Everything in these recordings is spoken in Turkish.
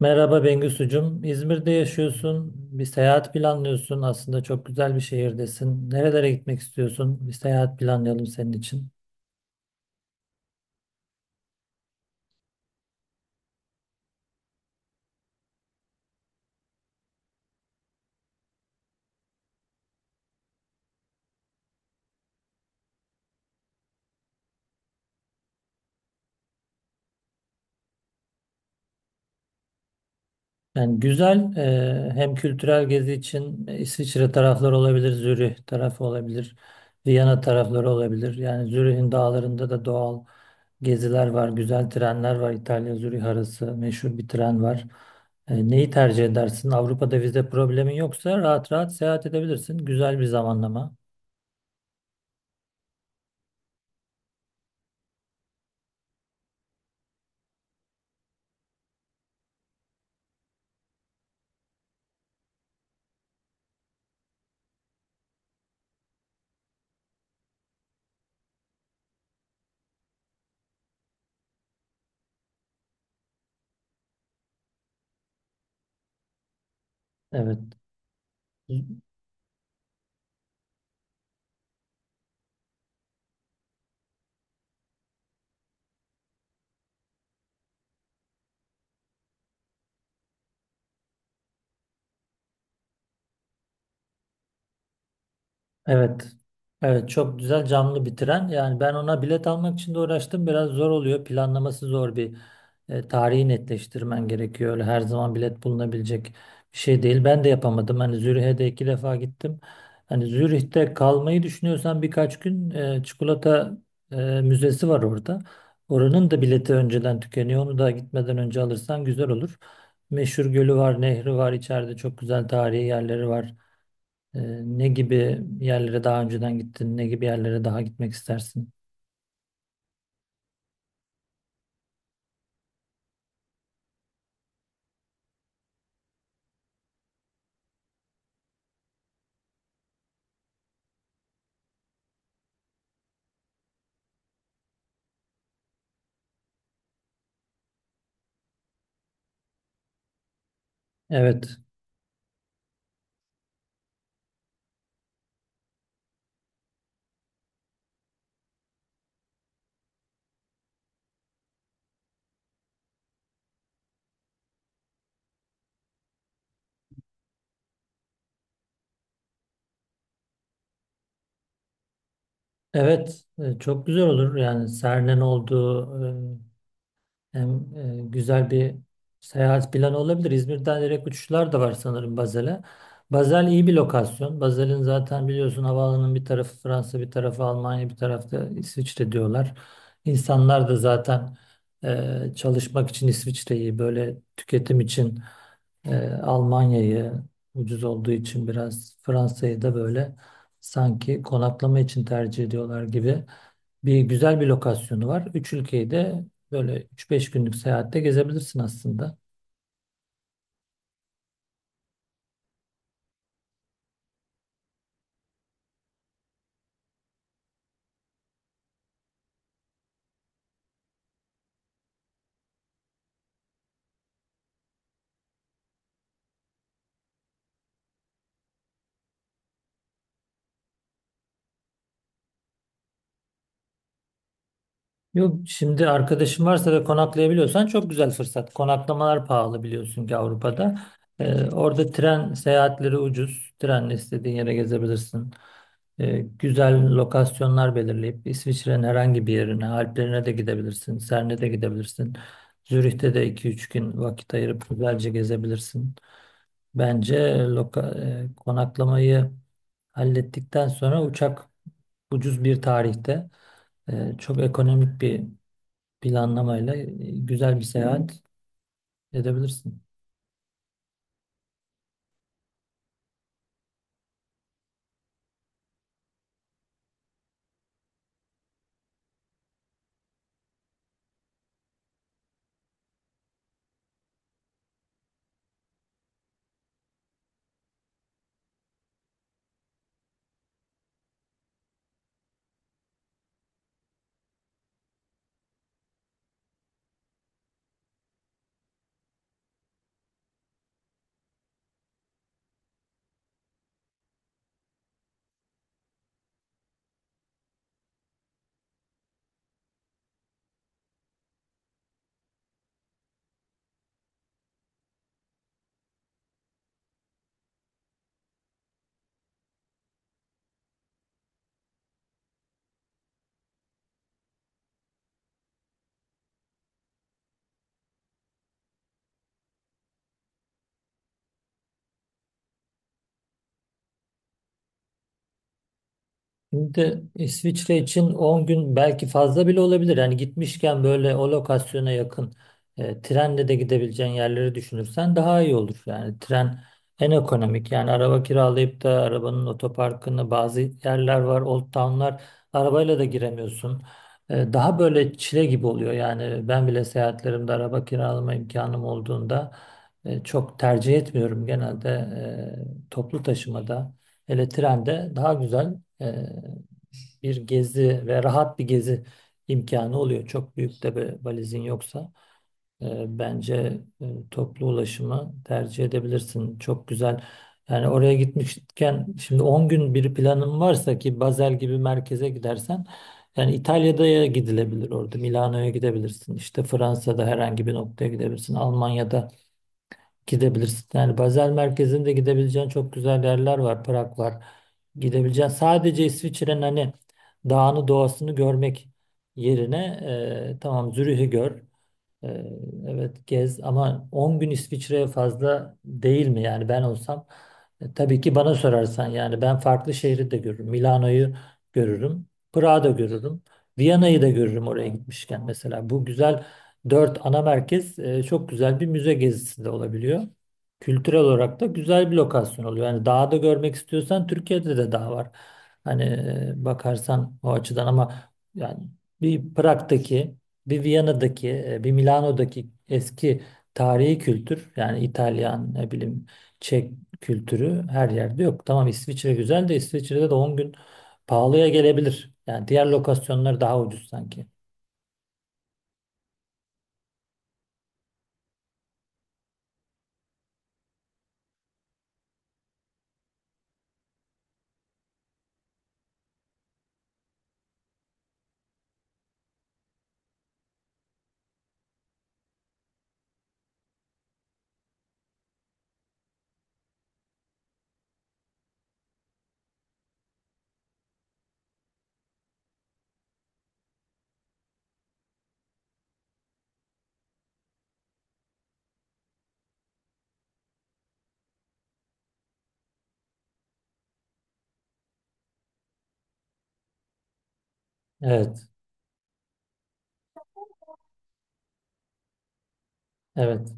Merhaba Bengisucum. İzmir'de yaşıyorsun. Bir seyahat planlıyorsun. Aslında çok güzel bir şehirdesin. Nerelere gitmek istiyorsun? Bir seyahat planlayalım senin için. Yani güzel, hem kültürel gezi için İsviçre tarafları olabilir, Zürih tarafı olabilir, Viyana tarafları olabilir. Yani Zürih'in dağlarında da doğal geziler var, güzel trenler var. İtalya-Zürih arası meşhur bir tren var. Neyi tercih edersin? Avrupa'da vize problemin yoksa rahat rahat seyahat edebilirsin. Güzel bir zamanlama. Evet. Evet. Evet, çok güzel canlı bitiren. Yani ben ona bilet almak için de uğraştım. Biraz zor oluyor. Planlaması zor bir tarihi netleştirmen gerekiyor. Öyle her zaman bilet bulunabilecek bir şey değil. Ben de yapamadım. Hani Zürih'e de iki defa gittim. Hani Zürih'te kalmayı düşünüyorsan birkaç gün çikolata e, müzesi var orada. Oranın da bileti önceden tükeniyor. Onu da gitmeden önce alırsan güzel olur. Meşhur gölü var, nehri var, içeride çok güzel tarihi yerleri var. Ne gibi yerlere daha önceden gittin? Ne gibi yerlere daha gitmek istersin? Evet. Evet. Çok güzel olur. Yani Serne'nin oldu? Hem güzel bir seyahat planı olabilir. İzmir'den direkt uçuşlar da var sanırım Bazel'e. Bazel iyi bir lokasyon. Bazel'in zaten biliyorsun havaalanının bir tarafı Fransa, bir tarafı Almanya, bir tarafta İsviçre diyorlar. İnsanlar da zaten çalışmak için İsviçre'yi, böyle tüketim için Almanya'yı ucuz olduğu için biraz Fransa'yı da böyle sanki konaklama için tercih ediyorlar gibi bir güzel bir lokasyonu var. Üç ülkeyi de böyle üç-beş günlük seyahatte gezebilirsin aslında. Yok şimdi arkadaşın varsa ve konaklayabiliyorsan çok güzel fırsat. Konaklamalar pahalı biliyorsun ki Avrupa'da. Orada tren seyahatleri ucuz. Trenle istediğin yere gezebilirsin. Güzel lokasyonlar belirleyip İsviçre'nin herhangi bir yerine, Alplerine de gidebilirsin. Cern'e de gidebilirsin. Zürih'te de iki üç gün vakit ayırıp güzelce gezebilirsin. Bence loka, konaklamayı hallettikten sonra uçak ucuz bir tarihte çok ekonomik bir planlamayla güzel bir seyahat edebilirsin. Şimdi İsviçre için 10 gün belki fazla bile olabilir. Yani gitmişken böyle o lokasyona yakın trenle de gidebileceğin yerleri düşünürsen daha iyi olur. Yani tren en ekonomik. Yani araba kiralayıp da arabanın otoparkını bazı yerler var, old town'lar arabayla da giremiyorsun. Daha böyle çile gibi oluyor. Yani ben bile seyahatlerimde araba kiralama imkanım olduğunda çok tercih etmiyorum. Genelde toplu taşımada. Hele trende daha güzel e, bir gezi ve rahat bir gezi imkanı oluyor. Çok büyük de bir valizin yoksa bence toplu ulaşımı tercih edebilirsin. Çok güzel. Yani oraya gitmişken şimdi 10 gün bir planın varsa ki Basel gibi merkeze gidersen yani İtalya'da gidilebilir orada. Milano'ya gidebilirsin. İşte Fransa'da herhangi bir noktaya gidebilirsin. Almanya'da gidebilirsin. Yani Basel merkezinde gidebileceğin çok güzel yerler var. Prag var. Gidebileceğin sadece İsviçre'nin hani dağını doğasını görmek yerine tamam Zürih'i gör. E, evet, gez ama 10 gün İsviçre'ye fazla değil mi? Yani ben olsam tabii ki bana sorarsan yani ben farklı şehri de görürüm. Milano'yu görürüm. Prag'ı da görürüm. Viyana'yı da görürüm oraya gitmişken mesela. Bu güzel dört ana merkez çok güzel bir müze gezisi de olabiliyor. Kültürel olarak da güzel bir lokasyon oluyor. Yani dağda görmek istiyorsan Türkiye'de de dağ var. Hani bakarsan o açıdan ama yani bir Prag'daki, bir Viyana'daki, bir Milano'daki eski tarihi kültür yani İtalyan ne bileyim Çek kültürü her yerde yok. Tamam İsviçre güzel de İsviçre'de de 10 gün pahalıya gelebilir. Yani diğer lokasyonlar daha ucuz sanki. Evet, evet,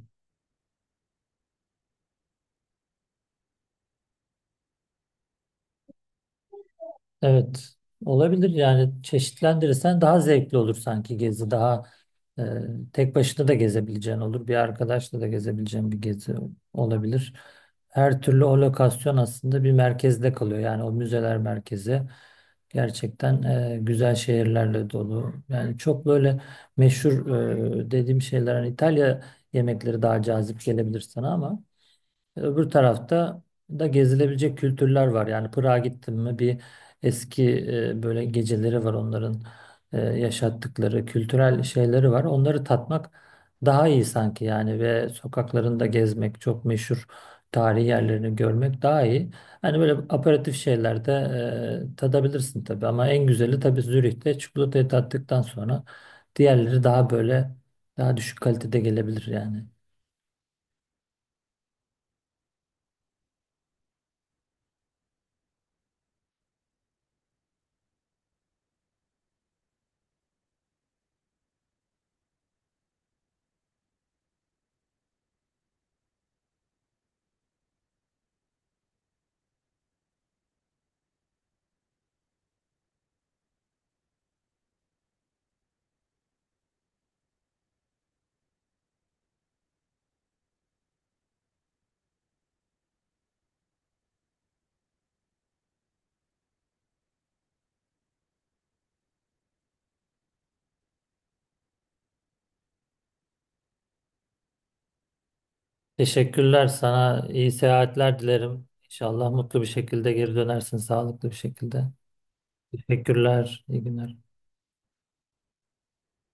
evet. Olabilir yani çeşitlendirirsen daha zevkli olur sanki gezi daha Ee, tek başına da gezebileceğin olur. Bir arkadaşla da gezebileceğin bir gezi olabilir. Her türlü o lokasyon aslında bir merkezde kalıyor. Yani o müzeler merkezi gerçekten güzel şehirlerle dolu. Yani çok böyle meşhur dediğim şeyler hani İtalya yemekleri daha cazip gelebilir sana ama öbür tarafta da gezilebilecek kültürler var. Yani Prag'a gittim mi bir eski böyle geceleri var onların yaşattıkları kültürel şeyleri var. Onları tatmak daha iyi sanki yani ve sokaklarında gezmek çok meşhur tarihi yerlerini görmek daha iyi. Hani böyle aperatif şeylerde tadabilirsin tabii ama en güzeli tabii Zürih'te çikolatayı tattıktan sonra diğerleri daha böyle daha düşük kalitede gelebilir yani. Teşekkürler sana. İyi seyahatler dilerim. İnşallah mutlu bir şekilde geri dönersin, sağlıklı bir şekilde. Teşekkürler. İyi günler.